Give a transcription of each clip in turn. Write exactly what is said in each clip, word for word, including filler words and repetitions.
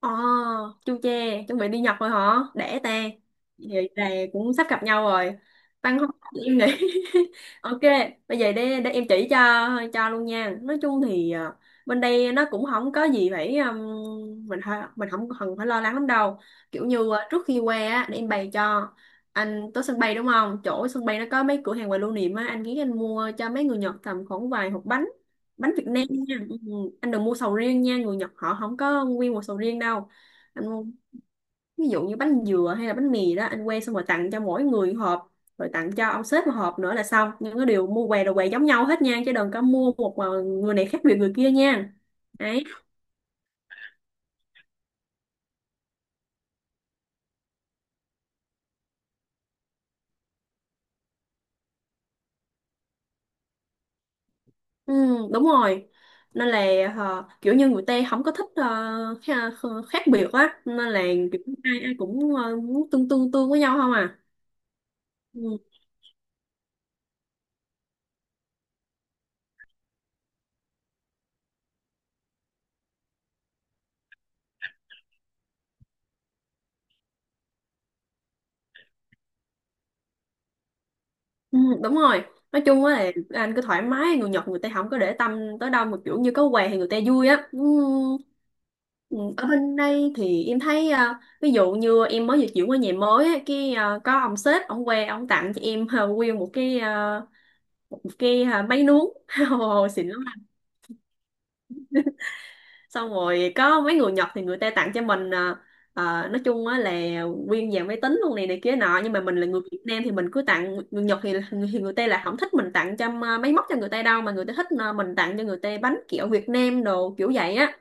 ờ Chu che, chuẩn bị đi Nhật rồi hả? Để ta. Vậy là cũng sắp gặp nhau rồi. Văn hóa thì em nghĩ. Ok, bây giờ để, để em chỉ cho cho luôn nha. Nói chung thì ờ, bên đây nó cũng không có gì phải ừm, mình phải- mình không cần phải lo lắng lắm đâu. Kiểu như ờ, trước khi qua á để em bày cho anh tới sân bay đúng không? Chỗ sân bay nó có mấy cửa hàng quà lưu niệm á, anh nghĩ anh mua cho mấy người Nhật tầm khoảng vài hộp bánh bánh Việt Nam nha. Ừ, anh đừng mua sầu riêng nha, người Nhật họ không có nguyên một sầu riêng đâu, anh mua ví dụ như bánh dừa hay là bánh mì đó, anh que xong rồi tặng cho mỗi người một hộp, rồi tặng cho ông sếp một hộp nữa là xong. Những cái điều mua què đồ què giống nhau hết nha, chứ đừng có mua một mà người này khác biệt người kia nha, đấy. Ừ, đúng rồi, nên là ờ, kiểu như người Tây không có thích ờ, kha- khác biệt á, nên là kiểu ai ai cũng ờ, muốn tương tương tương với nhau không à. Ừ. Ừ, đúng rồi. Nói chung á là anh cứ thoải mái, người Nhật người ta không có để tâm tới đâu, mà kiểu như có quà thì người ta vui á. Ừ, ừ, ở bên đây thì em thấy à, ví dụ như em mới vừa chuyển qua nhà mới á, cái à, có ông sếp ông qua ông tặng cho em à, nguyên một cái à, một cái à, máy nướng. Ồ, xịn lắm. Xong rồi có mấy người Nhật thì người ta tặng cho mình à, à, nói chung á là nguyên dàn máy tính luôn này này kia nọ. Nhưng mà mình là người Việt Nam thì mình cứ tặng người Nhật thì, thì, người ta là không thích mình tặng cho à, máy móc cho người ta đâu, mà người ta thích à, mình tặng cho người ta bánh kẹo Việt Nam đồ kiểu vậy á.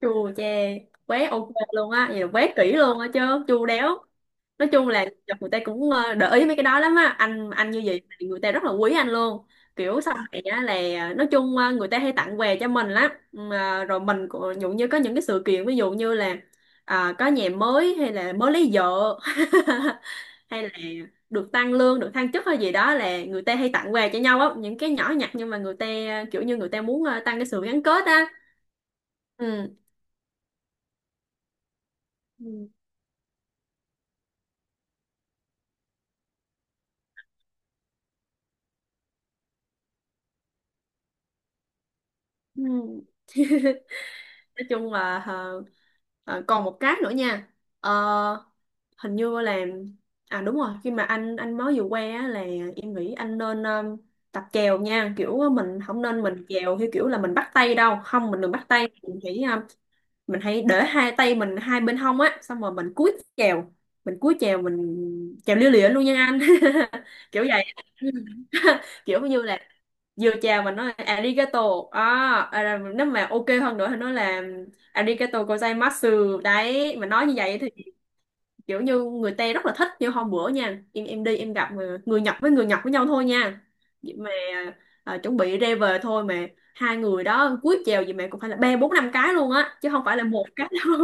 Chu che quá, ok luôn á, vậy là quá kỹ luôn á chứ. Chu đéo, nói chung là người ta cũng ờ, để ý mấy cái đó lắm á anh anh như vậy thì người ta rất là quý anh luôn. Kiểu sau này á là ờ, nói chung ờ, người ta hay tặng quà cho mình lắm. Mà rồi mình cũng ví dụ như có những cái sự kiện, ví dụ như là à, có nhà mới hay là mới lấy vợ, hay là được tăng lương, được thăng chức hay gì đó là người ta hay tặng quà cho nhau á, những cái nhỏ nhặt nhưng mà người ta kiểu như người ta muốn ờ, tăng cái sự gắn kết á. Ừ. Ừ. Nói chung là ờ, ờ, còn một cái nữa nha. Ờ, hình như là à đúng rồi, khi mà anh anh mới vừa qua á, là em nghĩ anh nên um, tập chèo nha. Kiểu ờ, mình không nên mình chèo theo kiểu là mình bắt tay đâu không, mình đừng bắt tay, mình chỉ um, mình hãy để hai tay mình hai bên hông á, xong rồi mình cúi chèo mình cúi chèo mình chèo lia lịa luôn nha anh. Kiểu vậy kiểu như là vô chào mà nói là arigato, à, à, nếu mà ok hơn nữa thì nói là arigato gozaimasu đấy, mà nói như vậy thì kiểu như người Tây rất là thích. Như hôm bữa nha, em em đi em gặp mà người Nhật với người Nhật với nhau thôi nha, vậy mà à, chuẩn bị ra về thôi mà hai người đó cúi chào gì mà cũng phải là ba bốn năm cái luôn á, chứ không phải là một cái đâu.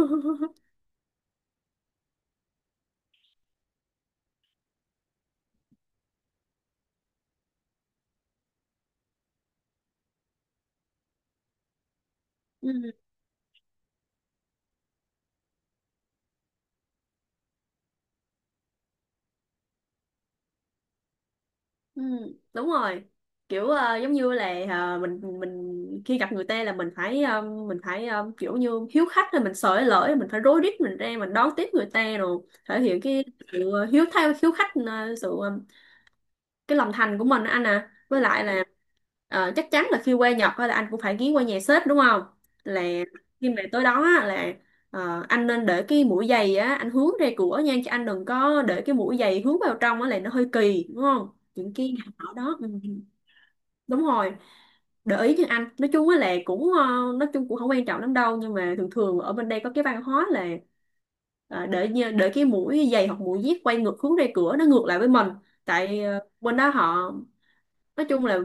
Ừ, đúng rồi, kiểu ờ, giống như là ờ, mình mình khi gặp người ta là mình phải ờ, mình phải ờ, kiểu như hiếu khách, là mình sợ lỡ, mình phải rối rít, mình ra mình đón tiếp người ta, rồi thể hiện cái sự hiếu thao hiếu khách, ờ, sự ờ, cái lòng thành của mình á anh. À với lại là ờ, chắc chắn là khi qua Nhật á là anh cũng phải ghé qua nhà sếp đúng không. Là khi mà tới đó á, là ờ, anh nên để cái mũi giày á anh hướng ra cửa nha, chứ anh đừng có để cái mũi giày hướng vào trong á là nó hơi kỳ đúng không. Những cái nhà ở đó ừ, đúng rồi. Để ý như anh nói chung á là cũng ờ, nói chung cũng không quan trọng lắm đâu, nhưng mà thường thường ở bên đây có cái văn hóa là ờ, để nhờ- để cái mũi giày hoặc mũi dép quay ngược hướng ra cửa, nó ngược lại với mình. Tại ờ, bên đó họ nói chung là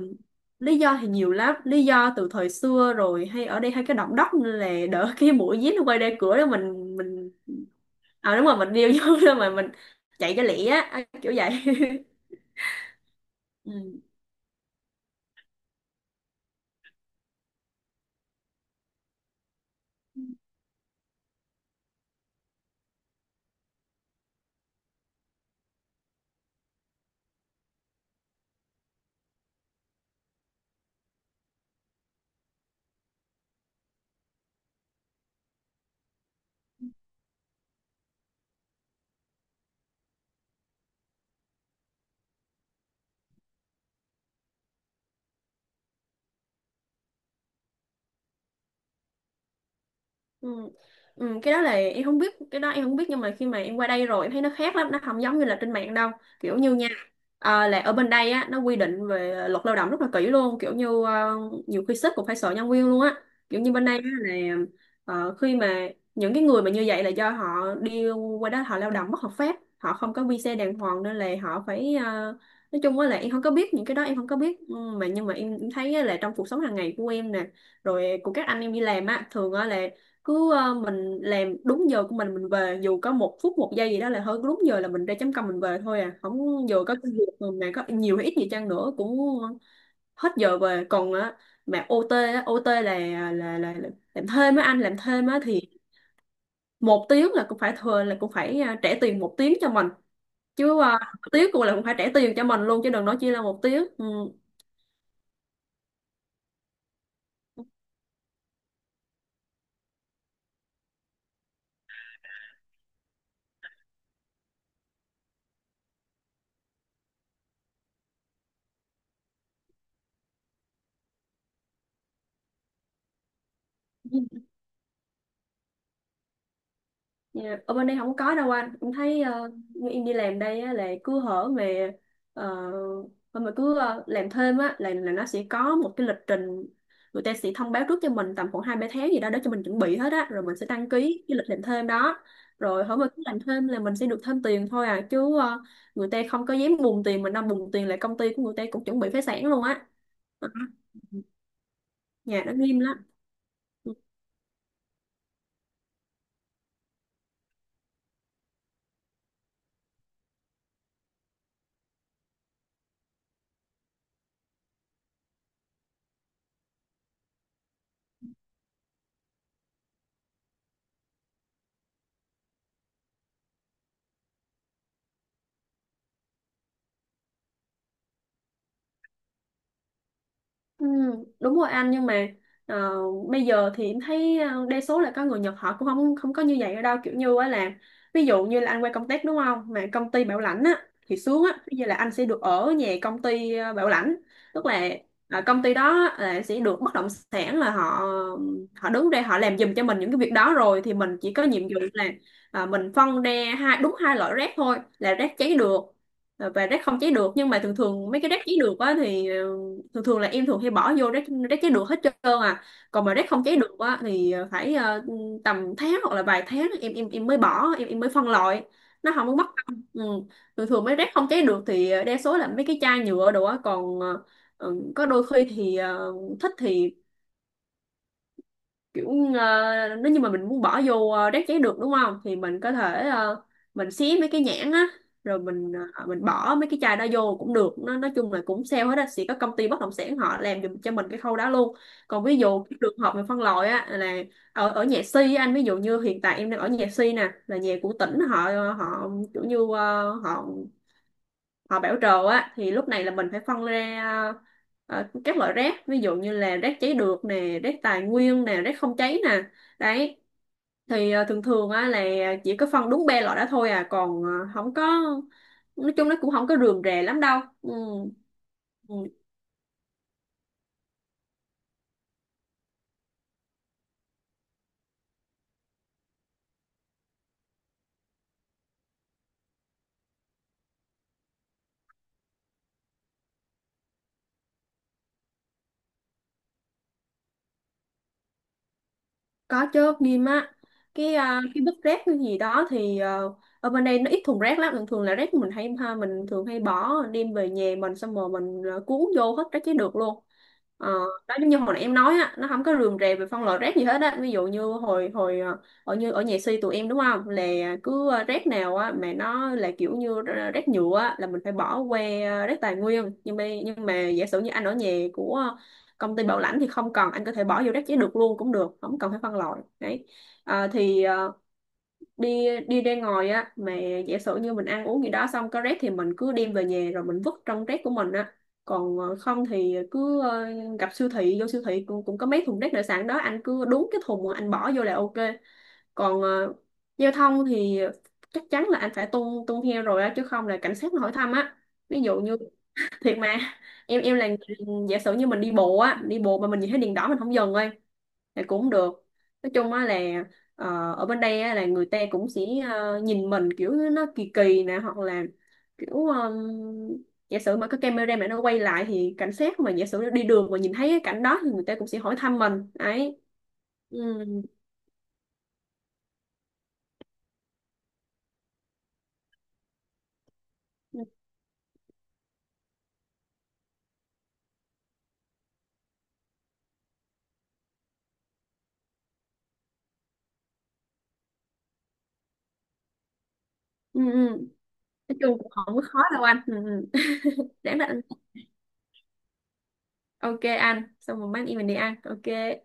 lý do thì nhiều lắm, lý do từ thời xưa rồi, hay ở đây hay cái động đất nên là đỡ cái mũi dí nó quay ra cửa đó, mình mình à đúng rồi, mình điêu vô đó, mà mình chạy cho lẹ á kiểu vậy. Ừ. Ừ. Ừ, cái đó là em không biết, cái đó em không biết, nhưng mà khi mà em qua đây rồi em thấy nó khác lắm, nó không giống như là trên mạng đâu. Kiểu như nha ờ, là ở bên đây á nó quy định về luật lao động rất là kỹ luôn, kiểu như ờ, nhiều khi sếp cũng phải sợ nhân viên luôn á. Kiểu như bên đây á, là ờ, khi mà những cái người mà như vậy là do họ đi qua đó họ lao động bất hợp pháp, họ không có visa đàng hoàng, nên là họ phải ờ, nói chung á là em không có biết những cái đó, em không có biết. Ừ, mà nhưng mà em, em thấy á là trong cuộc sống hàng ngày của em nè, rồi của các anh em đi làm á, thường á là cứ ờ, mình làm đúng giờ của mình mình về, dù có một phút một giây gì đó là thôi, đúng giờ là mình ra chấm công mình về thôi à không, dù có cái việc mà mẹ có nhiều hay ít gì chăng nữa cũng hết giờ về còn á. Mà o tê á, o tê là, là là là làm thêm á anh, làm thêm á thì một tiếng là cũng phải thừa, là cũng phải à, trả tiền một tiếng cho mình chứ à, tiếng cũng là cũng phải trả tiền cho mình luôn, chứ đừng nói chỉ là một tiếng. Ừ. Dạ, ở bên đây không có đâu anh, em thấy ờ, như em đi làm đây á, là cứ hở về ờ, mà cứ ờ, làm thêm á là là nó sẽ có một cái lịch trình. Người ta sẽ thông báo trước cho mình tầm khoảng hai ba tháng gì đó để cho mình chuẩn bị hết á, rồi mình sẽ đăng ký cái lịch làm thêm đó. Rồi hở mà cứ làm thêm là mình sẽ được thêm tiền thôi à, chứ ờ, người ta không có dám bùng tiền mình, đang bùng tiền là công ty của người ta cũng chuẩn bị phá sản luôn á. Đó. Nhà nó nghiêm lắm. Ừ, đúng rồi anh, nhưng mà ờ, bây giờ thì em thấy ờ, đa số là có người Nhật họ cũng không không có như vậy ở đâu. Kiểu như á là ví dụ như là anh qua công tác đúng không, mà công ty bảo lãnh á thì xuống á bây giờ là anh sẽ được ở nhà công ty ờ, bảo lãnh. Tức là ờ, công ty đó là sẽ được bất động sản, là họ họ đứng ra họ làm giùm cho mình những cái việc đó. Rồi thì mình chỉ có nhiệm vụ là ờ, mình phân ra hai, đúng hai loại rác thôi, là rác cháy được và rác không cháy được. Nhưng mà thường thường mấy cái rác cháy được á thì ờ, thường thường là em thường hay bỏ vô rác rác cháy được hết trơn. À còn mà rác không cháy được á thì ờ, phải ờ, tầm tháng hoặc là vài tháng em em em mới bỏ, em em mới phân loại, nó không có mất công. Ừ. Thường thường mấy rác không cháy được thì ờ, đa số là mấy cái chai nhựa đồ á, còn ờ, ừ, có đôi khi thì ờ, thích thì kiểu ờ, nếu như mà mình muốn bỏ vô ờ, rác giấy được đúng không thì mình có thể ờ, mình xé mấy cái nhãn á, rồi mình ờ, mình bỏ mấy cái chai đó vô cũng được, nó nói chung là cũng sale hết á, sẽ có công ty bất động sản họ làm giùm cho mình cái khâu đó luôn. Còn ví dụ cái trường hợp về phân loại á là ở ở nhà si á anh, ví dụ như hiện tại em đang ở nhà si nè là nhà của tỉnh họ họ kiểu như ờ, họ họ bảo trồ á thì lúc này là mình phải phân ra ờ, ờ, các loại rác, ví dụ như là rác cháy được nè, rác tài nguyên nè, rác không cháy nè, đấy. Thì ờ, thường thường á là chỉ có phân đúng ba loại đó thôi à, còn ờ, không có, nói chung nó cũng không có rườm rà lắm đâu. Ừ. Ừ. Có chứ, nghiêm á. cái à, cái vứt rác cái gì đó thì ờ, ở bên đây nó ít thùng rác lắm, thường thường là rác mình hay ha, mình thường hay bỏ đem về nhà mình, xong rồi mình ờ, cuốn vô hết rác chế được luôn. Ờ, đó giống như hồi nãy em nói á, nó không có rườm rà về phân loại rác gì hết á, ví dụ như hồi hồi ờ, ở như ở nhà si tụi em đúng không, là cứ ờ, rác nào á mà nó là kiểu như r- rác nhựa á là mình phải bỏ qua ờ, rác tài nguyên. Nhưng mà nhưng mà giả sử như anh ở nhà của công ty bảo lãnh thì không cần, anh có thể bỏ vô rác giấy được luôn cũng được, không cần phải phân loại, đấy. Ờ, thì ờ, đi đi ra ngoài á mà giả sử như mình ăn uống gì đó xong có rác thì mình cứ đem về nhà rồi mình vứt trong rác của mình á, còn ờ, không thì cứ ờ, gặp siêu thị vô siêu thị cũng, cũng có mấy thùng rác nội sản đó, anh cứ đúng cái thùng mà anh bỏ vô là ok. Còn ờ, giao thông thì chắc chắn là anh phải tuân tuân theo rồi á, chứ không là cảnh sát nó hỏi thăm á. Ví dụ như thiệt mà em em là người- giả sử như mình đi bộ á, đi bộ mà mình nhìn thấy đèn đỏ mình không dừng thôi thì cũng không được. Nói chung á là ờ, ở bên đây á, là người ta cũng sẽ ờ, nhìn mình kiểu nó kỳ kỳ nè, hoặc là kiểu ờ, giả sử mà có camera mà nó quay lại thì cảnh sát mà giả sử đi đường mà nhìn thấy cái cảnh đó thì người ta cũng sẽ hỏi thăm mình ấy. Ừ. Ừ. Ừ. Ừ. Nói chung cũng không có khó đâu anh. Ừ. Ừ. Đáng là anh. Ok anh, xong rồi mai em mình đi ăn, ok.